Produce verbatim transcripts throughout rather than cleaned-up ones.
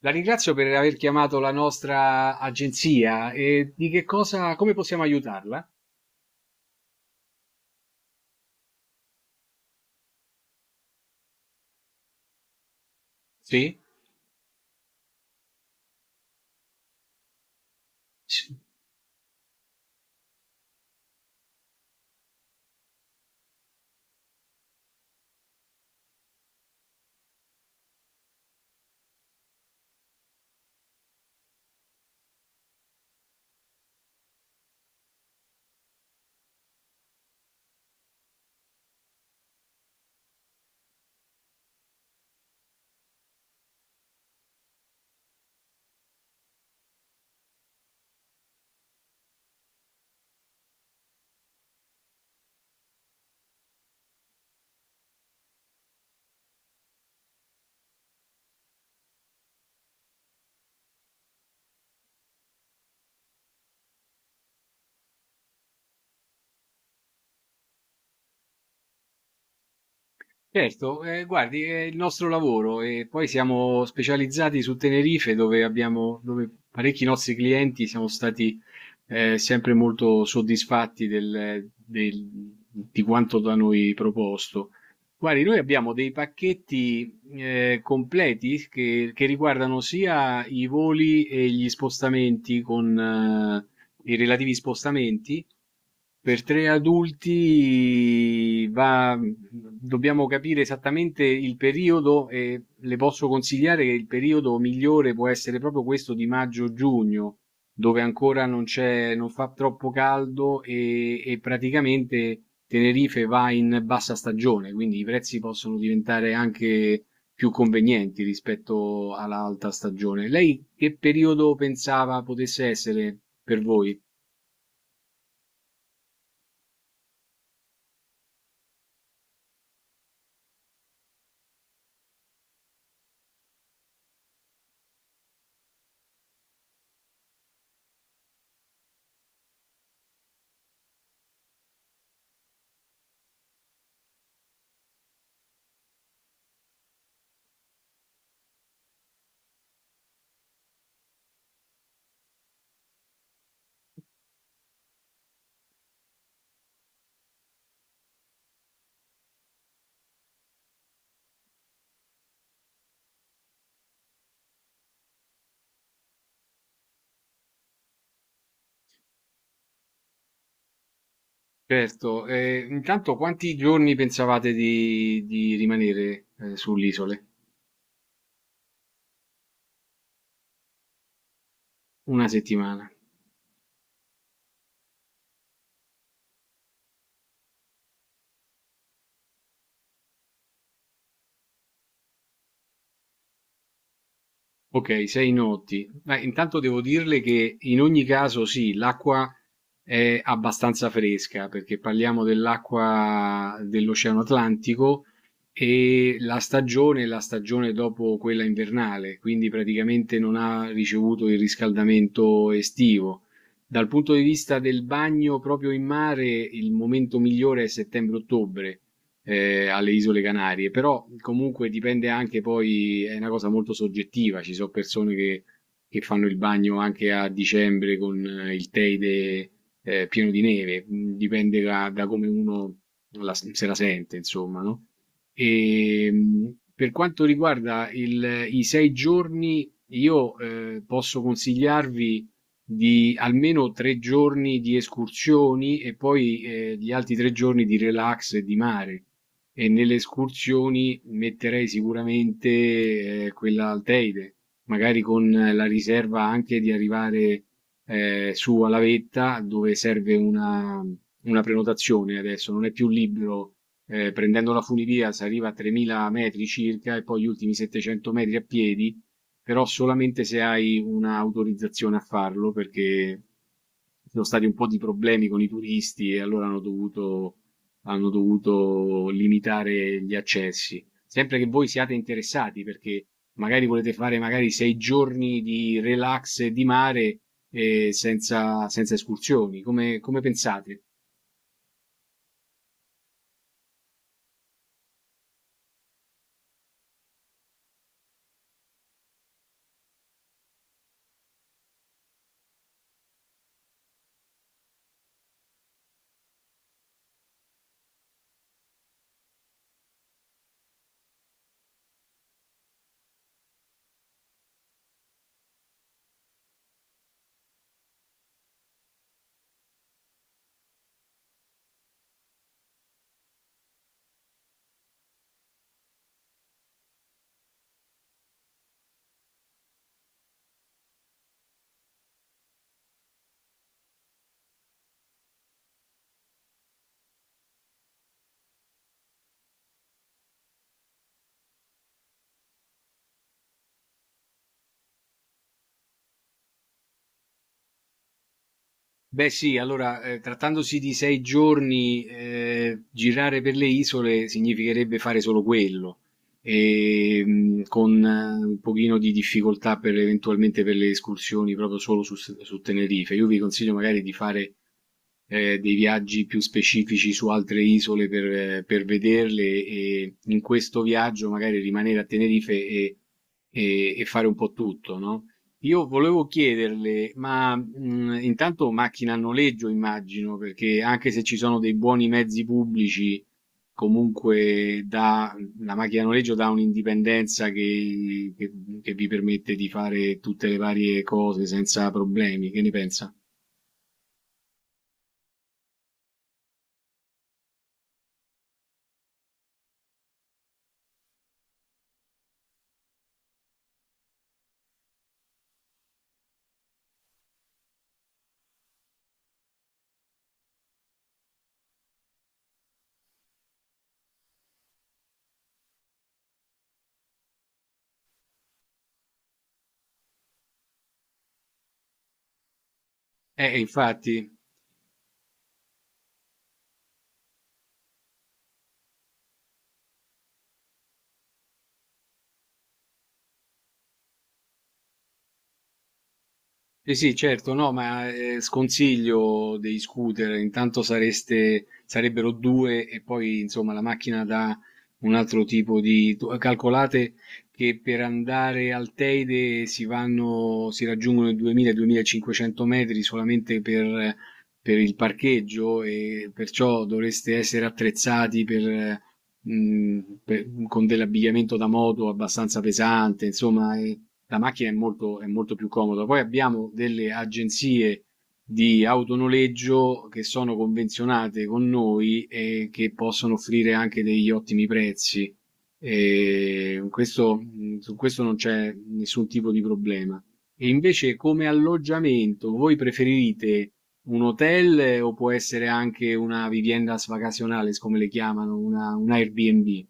La ringrazio per aver chiamato la nostra agenzia e di che cosa, come possiamo aiutarla? Sì? Certo, ehm, guardi è il nostro lavoro e poi siamo specializzati su Tenerife dove abbiamo dove parecchi nostri clienti siamo stati, ehm, sempre molto soddisfatti del del di quanto da noi proposto. Guardi, noi abbiamo dei pacchetti, ehm, completi che che riguardano sia i voli e gli spostamenti con eh, i relativi spostamenti per tre adulti va, dobbiamo capire esattamente il periodo e le posso consigliare che il periodo migliore può essere proprio questo di maggio-giugno, dove ancora non c'è, non fa troppo caldo e, e praticamente Tenerife va in bassa stagione, quindi i prezzi possono diventare anche più convenienti rispetto all'alta stagione. Lei che periodo pensava potesse essere per voi? Certo, e intanto quanti giorni pensavate di di rimanere, ehm, sull'isole? Una settimana. Ok, sei notti. Beh, intanto devo dirle che in ogni caso sì, l'acqua è abbastanza fresca perché parliamo dell'acqua dell'Oceano Atlantico e la stagione è la stagione dopo quella invernale, quindi praticamente non ha ricevuto il riscaldamento estivo. Dal punto di vista del bagno proprio in mare, il momento migliore è settembre-ottobre eh, alle Isole Canarie, però comunque dipende anche poi, è una cosa molto soggettiva, ci sono persone che, che fanno il bagno anche a dicembre con eh, il Teide eh, pieno di neve. Mm, dipende da, da come uno la- se la sente, insomma, no? E, mh, per quanto riguarda il- i sei giorni, io eh, posso consigliarvi di almeno tre giorni di escursioni e poi eh, gli altri tre giorni di relax e di mare. E nelle escursioni metterei sicuramente eh, quella Alteide, magari con eh, la riserva anche di arrivare eh, su alla vetta dove serve una, una prenotazione adesso, non è più libero. eh, prendendo la funivia si arriva a tremila metri circa e poi gli ultimi settecento metri a piedi, però solamente se hai un'autorizzazione a farlo perché ci sono stati un po' di problemi con i turisti e allora hanno dovuto hanno dovuto limitare gli accessi. Sempre che voi siate interessati, perché magari volete fare magari sei giorni di relax di mare eh, senza, senza escursioni. Come, come pensate? Beh sì, allora eh, trattandosi di sei giorni eh, girare per le isole significherebbe fare solo quello, e, mh, con eh, un pochino di difficoltà per, eventualmente per le escursioni proprio solo su, su Tenerife. Io vi consiglio magari di fare eh, dei viaggi più specifici su altre isole per, eh, per vederle e in questo viaggio magari rimanere a Tenerife e, e- e fare un po' tutto, no? Io volevo chiederle, ma mh, intanto macchina a noleggio immagino, perché anche se ci sono dei buoni mezzi pubblici, comunque dà- la macchina a noleggio dà un'indipendenza che, che- che vi permette di fare tutte le varie cose senza problemi. Che ne pensa? Eh, infatti. Sì, sì, certo, no, ma eh, sconsiglio dei scooter, intanto sareste, sarebbero due e poi insomma la macchina dà un altro tipo di. tu- Calcolate che per andare al Teide si vanno, si raggiungono i duemila-duemilacinquecento metri solamente per, per il parcheggio e perciò dovreste essere attrezzati per, mh, per- con dell'abbigliamento da moto abbastanza pesante, insomma. E- la macchina è molto, è molto più comoda. Poi abbiamo delle agenzie di autonoleggio che sono convenzionate con noi e che possono offrire anche degli ottimi prezzi. E questo, su questo non c'è nessun tipo di problema. E invece come alloggiamento, voi preferite un hotel o può essere anche una vivienda vacacionales, come le chiamano, una, un Airbnb?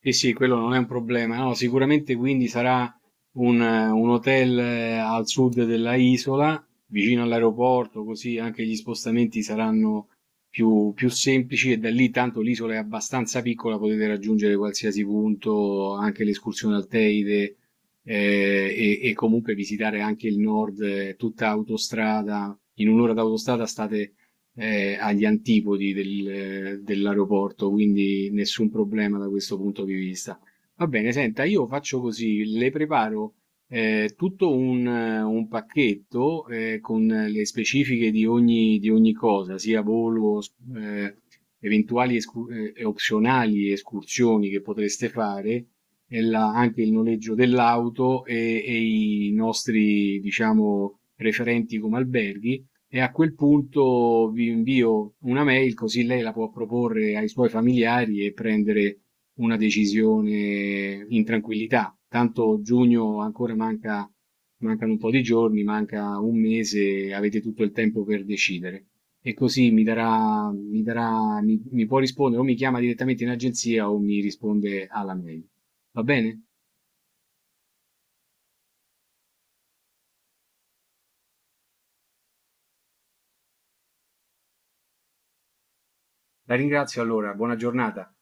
Sì, sì, quello non è un problema. No, sicuramente quindi sarà un, un hotel eh, al sud della isola, vicino all'aeroporto, così anche gli spostamenti saranno più, più semplici e da lì tanto l'isola è abbastanza piccola, potete raggiungere qualsiasi punto, anche l'escursione al Teide eh, e, e comunque visitare anche il nord, eh, tutta autostrada. In un'ora d'autostrada state eh, agli antipodi del- dell'aeroporto, quindi nessun problema da questo punto di vista. Va bene, senta, io faccio così, le preparo eh, tutto un, un pacchetto eh, con le specifiche di ogni, di ogni cosa, sia volo, eh, eventuali escu- eh, e opzionali escursioni che potreste fare, e la- anche il noleggio dell'auto e, e i nostri, diciamo, referenti come alberghi. E a quel punto vi invio una mail così lei la può proporre ai suoi familiari e prendere una decisione in tranquillità. Tanto giugno ancora manca, mancano un po' di giorni, manca un mese, avete tutto il tempo per decidere. E così mi darà, mi darà, mi, mi può rispondere o mi chiama direttamente in agenzia o mi risponde alla mail. Va bene? La ringrazio allora, buona giornata.